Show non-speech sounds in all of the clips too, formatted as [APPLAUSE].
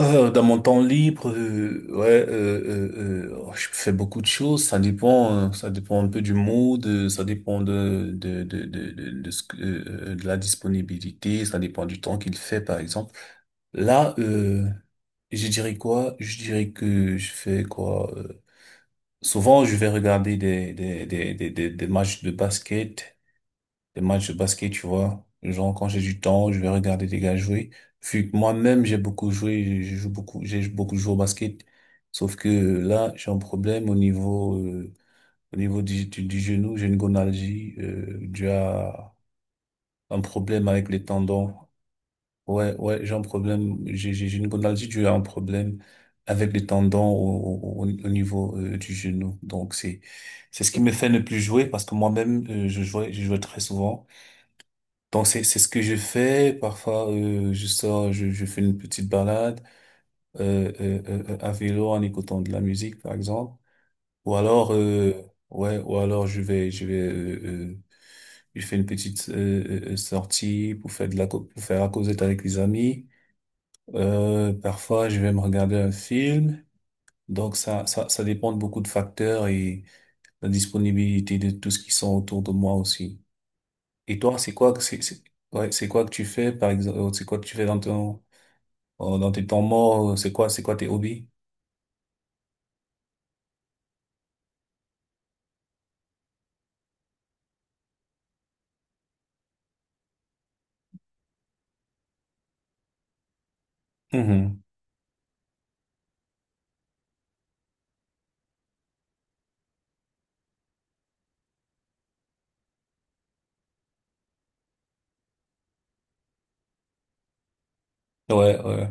Dans mon temps libre, oh, je fais beaucoup de choses. Ça dépend un peu du mood. Ça dépend de de la disponibilité. Ça dépend du temps qu'il fait, par exemple. Là, je dirais quoi? Je dirais que je fais quoi? Souvent, je vais regarder des matchs de basket, tu vois. Genre, quand j'ai du temps, je vais regarder des gars jouer. Vu que moi-même, j'ai beaucoup joué, je joue beaucoup, j'ai beaucoup joué au basket. Sauf que là, j'ai un problème au niveau du genou. J'ai une gonalgie, due à un problème avec les tendons. Ouais, ouais, j'ai un problème, j'ai une gonalgie due à un problème avec les tendons au niveau, du genou. Donc, c'est ce qui me fait ne plus jouer parce que moi-même, je jouais très souvent. Donc c'est ce que je fais. Parfois je sors, je fais une petite balade à vélo en écoutant de la musique par exemple. Ou alors ouais, ou alors je vais euh, je fais une petite sortie pour faire de la co- pour faire la causette avec les amis. Parfois je vais me regarder un film. Donc ça dépend de beaucoup de facteurs et la disponibilité de tout ce qui sont autour de moi aussi. Et toi, c'est quoi que c'est- ouais, c'est quoi que tu fais par exemple, c'est quoi que tu fais dans ton dans tes temps morts, c'est quoi, c'est quoi tes hobbies? Mhm. Ouais, ouais.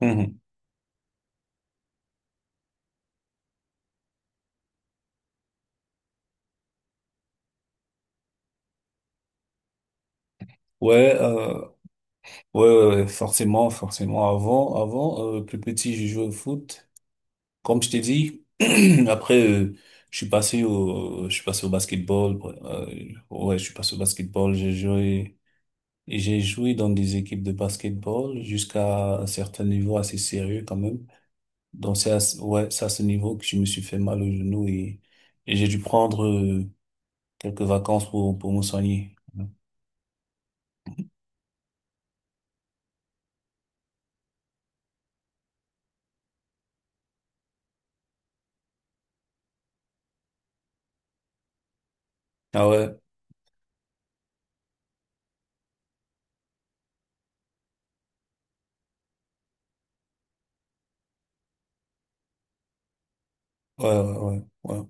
Mhm. Ouais, ouais, ouais, ouais, forcément, forcément. Avant, avant, plus petit, je jouais au foot. Comme je t'ai dit, [CLEARS THROAT] après, je suis passé au basketball. Ouais. Ouais, je suis passé au basketball. J'ai joué dans des équipes de basketball jusqu'à un certain niveau assez sérieux quand même. Donc ouais, c'est à ce niveau que je me suis fait mal au genou, et j'ai dû prendre quelques vacances pour me soigner. Ah ouais, ouais, ouais, ouais. Ouais.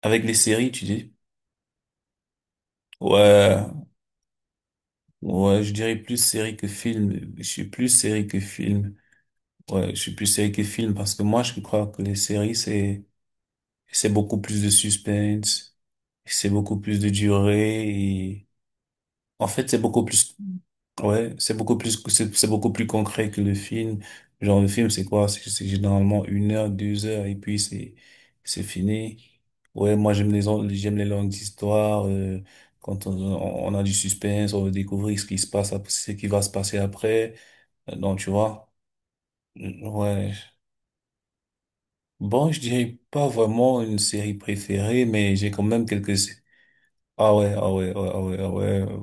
Avec les séries, tu dis? Ouais, ouais, je dirais plus série que film. Je suis plus série que film. Ouais, je suis plus série que film parce que moi, je crois que les séries, c'est beaucoup plus de suspense, c'est beaucoup plus de durée. En fait, c'est beaucoup plus, ouais, c'est beaucoup plus, c'est beaucoup plus concret que le film. Genre, le film, c'est quoi? C'est généralement une heure, deux heures, et puis c'est fini. Ouais, moi, j'aime les longues histoires, quand on a du suspense, on veut découvrir ce qui se passe, ce qui va se passer après. Donc, tu vois. Ouais. Bon, je dirais pas vraiment une série préférée, mais j'ai quand même quelques... Ah ouais, ah ouais, ah ouais, ah ouais, ah ouais.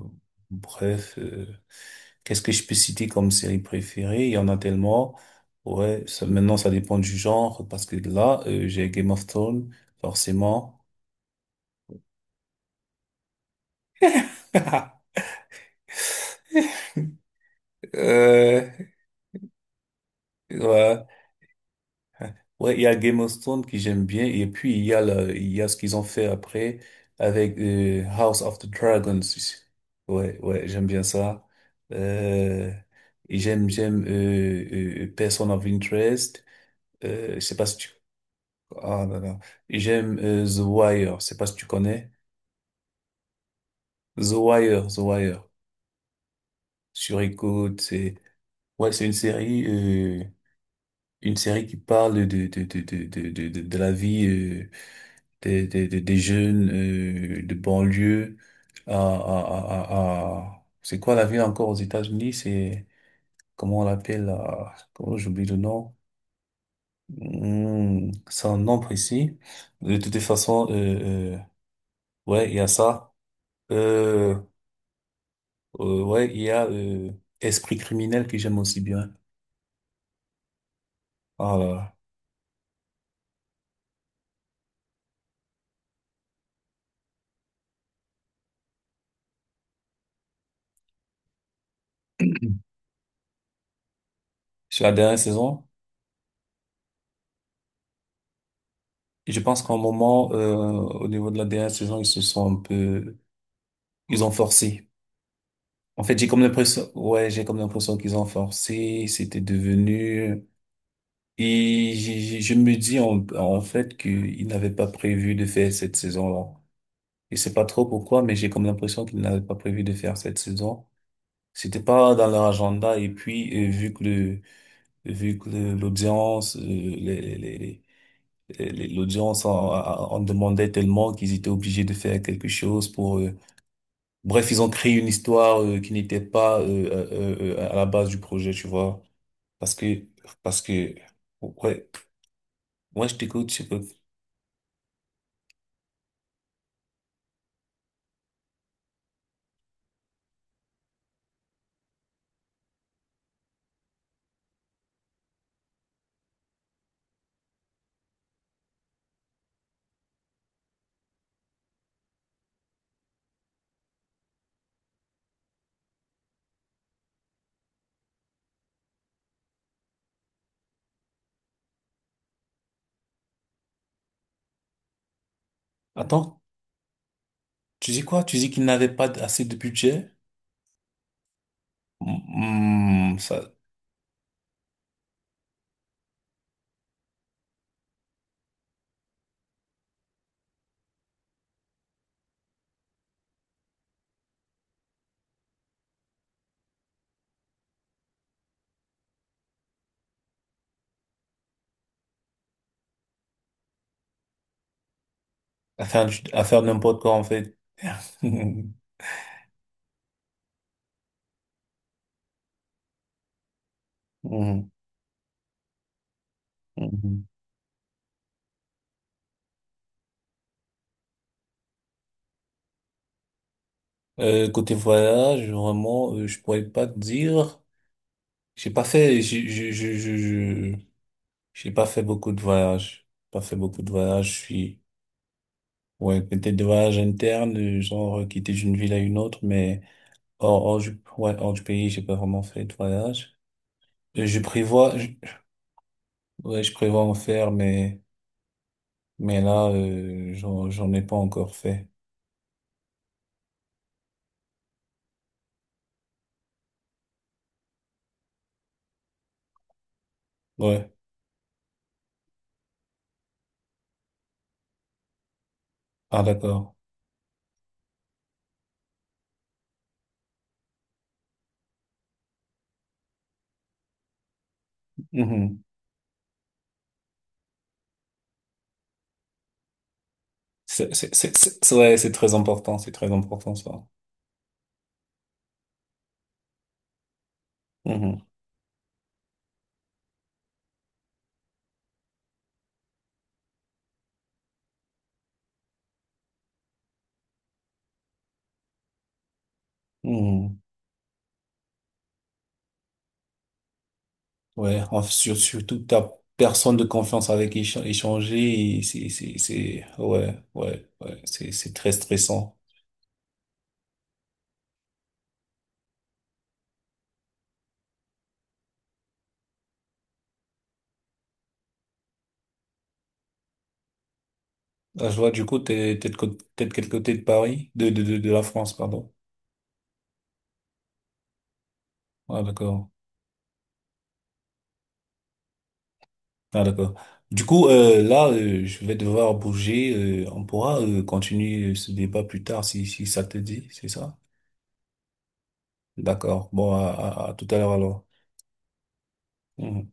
Bref, qu'est-ce que je peux citer comme série préférée? Il y en a tellement. Ouais, ça, maintenant ça dépend du genre, parce que là, j'ai Game of Thrones, forcément. [LAUGHS] Euh, ouais, ouais, il y a Game of Thrones qui j'aime bien, et puis il y a le, il y a ce qu'ils ont fait après avec House of the Dragons. Ouais, ouais, j'aime bien ça. Euh, et j'aime, j'aime Person of Interest. Je sais pas si tu... Ah là là. J'aime The Wire. Je sais pas si tu connais. The Wire, The Wire. Sur écoute, c'est... Ouais, c'est une série... une série qui parle de la vie des jeunes de banlieue c'est quoi la ville encore aux États-Unis? C'est... Comment on l'appelle? Là, comment j'oublie le nom? Hmm, c'est un nom précis. De toute façon, ouais, il y a ça. Euh, ouais, il y a Esprit criminel que j'aime aussi bien. Ah là là. [CLEARS THROAT] Sur la dernière saison, je pense qu'à un moment, au niveau de la dernière saison, ils se sont un peu, ils ont forcé. En fait, j'ai comme l'impression, ouais, j'ai comme l'impression qu'ils ont forcé. C'était devenu. Je me dis en, en fait qu'ils n'avaient pas prévu de faire cette saison-là. Je sais pas trop pourquoi, mais j'ai comme l'impression qu'ils n'avaient pas prévu de faire cette saison. C'était pas dans leur agenda. Et puis, vu que l'audience, l'audience en, en demandait tellement qu'ils étaient obligés de faire quelque chose pour... Bref, ils ont créé une histoire qui n'était pas à la base du projet, tu vois. Parce que... Parce que... Ouais, ouais, je t'écoute. Attends, tu dis quoi? Tu dis qu'ils n'avaient pas assez de budget? Hmm, ça, à faire n'importe quoi, en fait. [LAUGHS] Mhm. Mhm. Côté voyage, vraiment, je pourrais pas te dire. J'ai pas fait, j'ai- J'ai pas fait beaucoup de voyages. Pas fait beaucoup de voyages. Je suis, ouais, peut-être des voyages internes, genre quitter d'une ville à une autre, mais hors, hors du, ouais, hors du pays, j'ai pas vraiment fait de voyage. Euh, Je prévois, je- ouais, je prévois en faire, mais là, j'en ai pas encore fait. Ouais. Ah, d'accord. Mhm. C'est, c'est, c'est, ouais, c'est très important, ça. Mhm. Mhm. Ouais, surtout que t'as personne de confiance avec qui échanger, et c'est, ouais, ouais, ouais, c'est très stressant. Ah, je vois. Du coup, t'es de quel côté de Paris? De, de la France, pardon. Ah, d'accord. Ah, d'accord. Du coup, là, je vais devoir bouger. On pourra, continuer ce débat plus tard, si, si ça te dit, c'est ça? D'accord. Bon, à tout à l'heure alors. Mhm.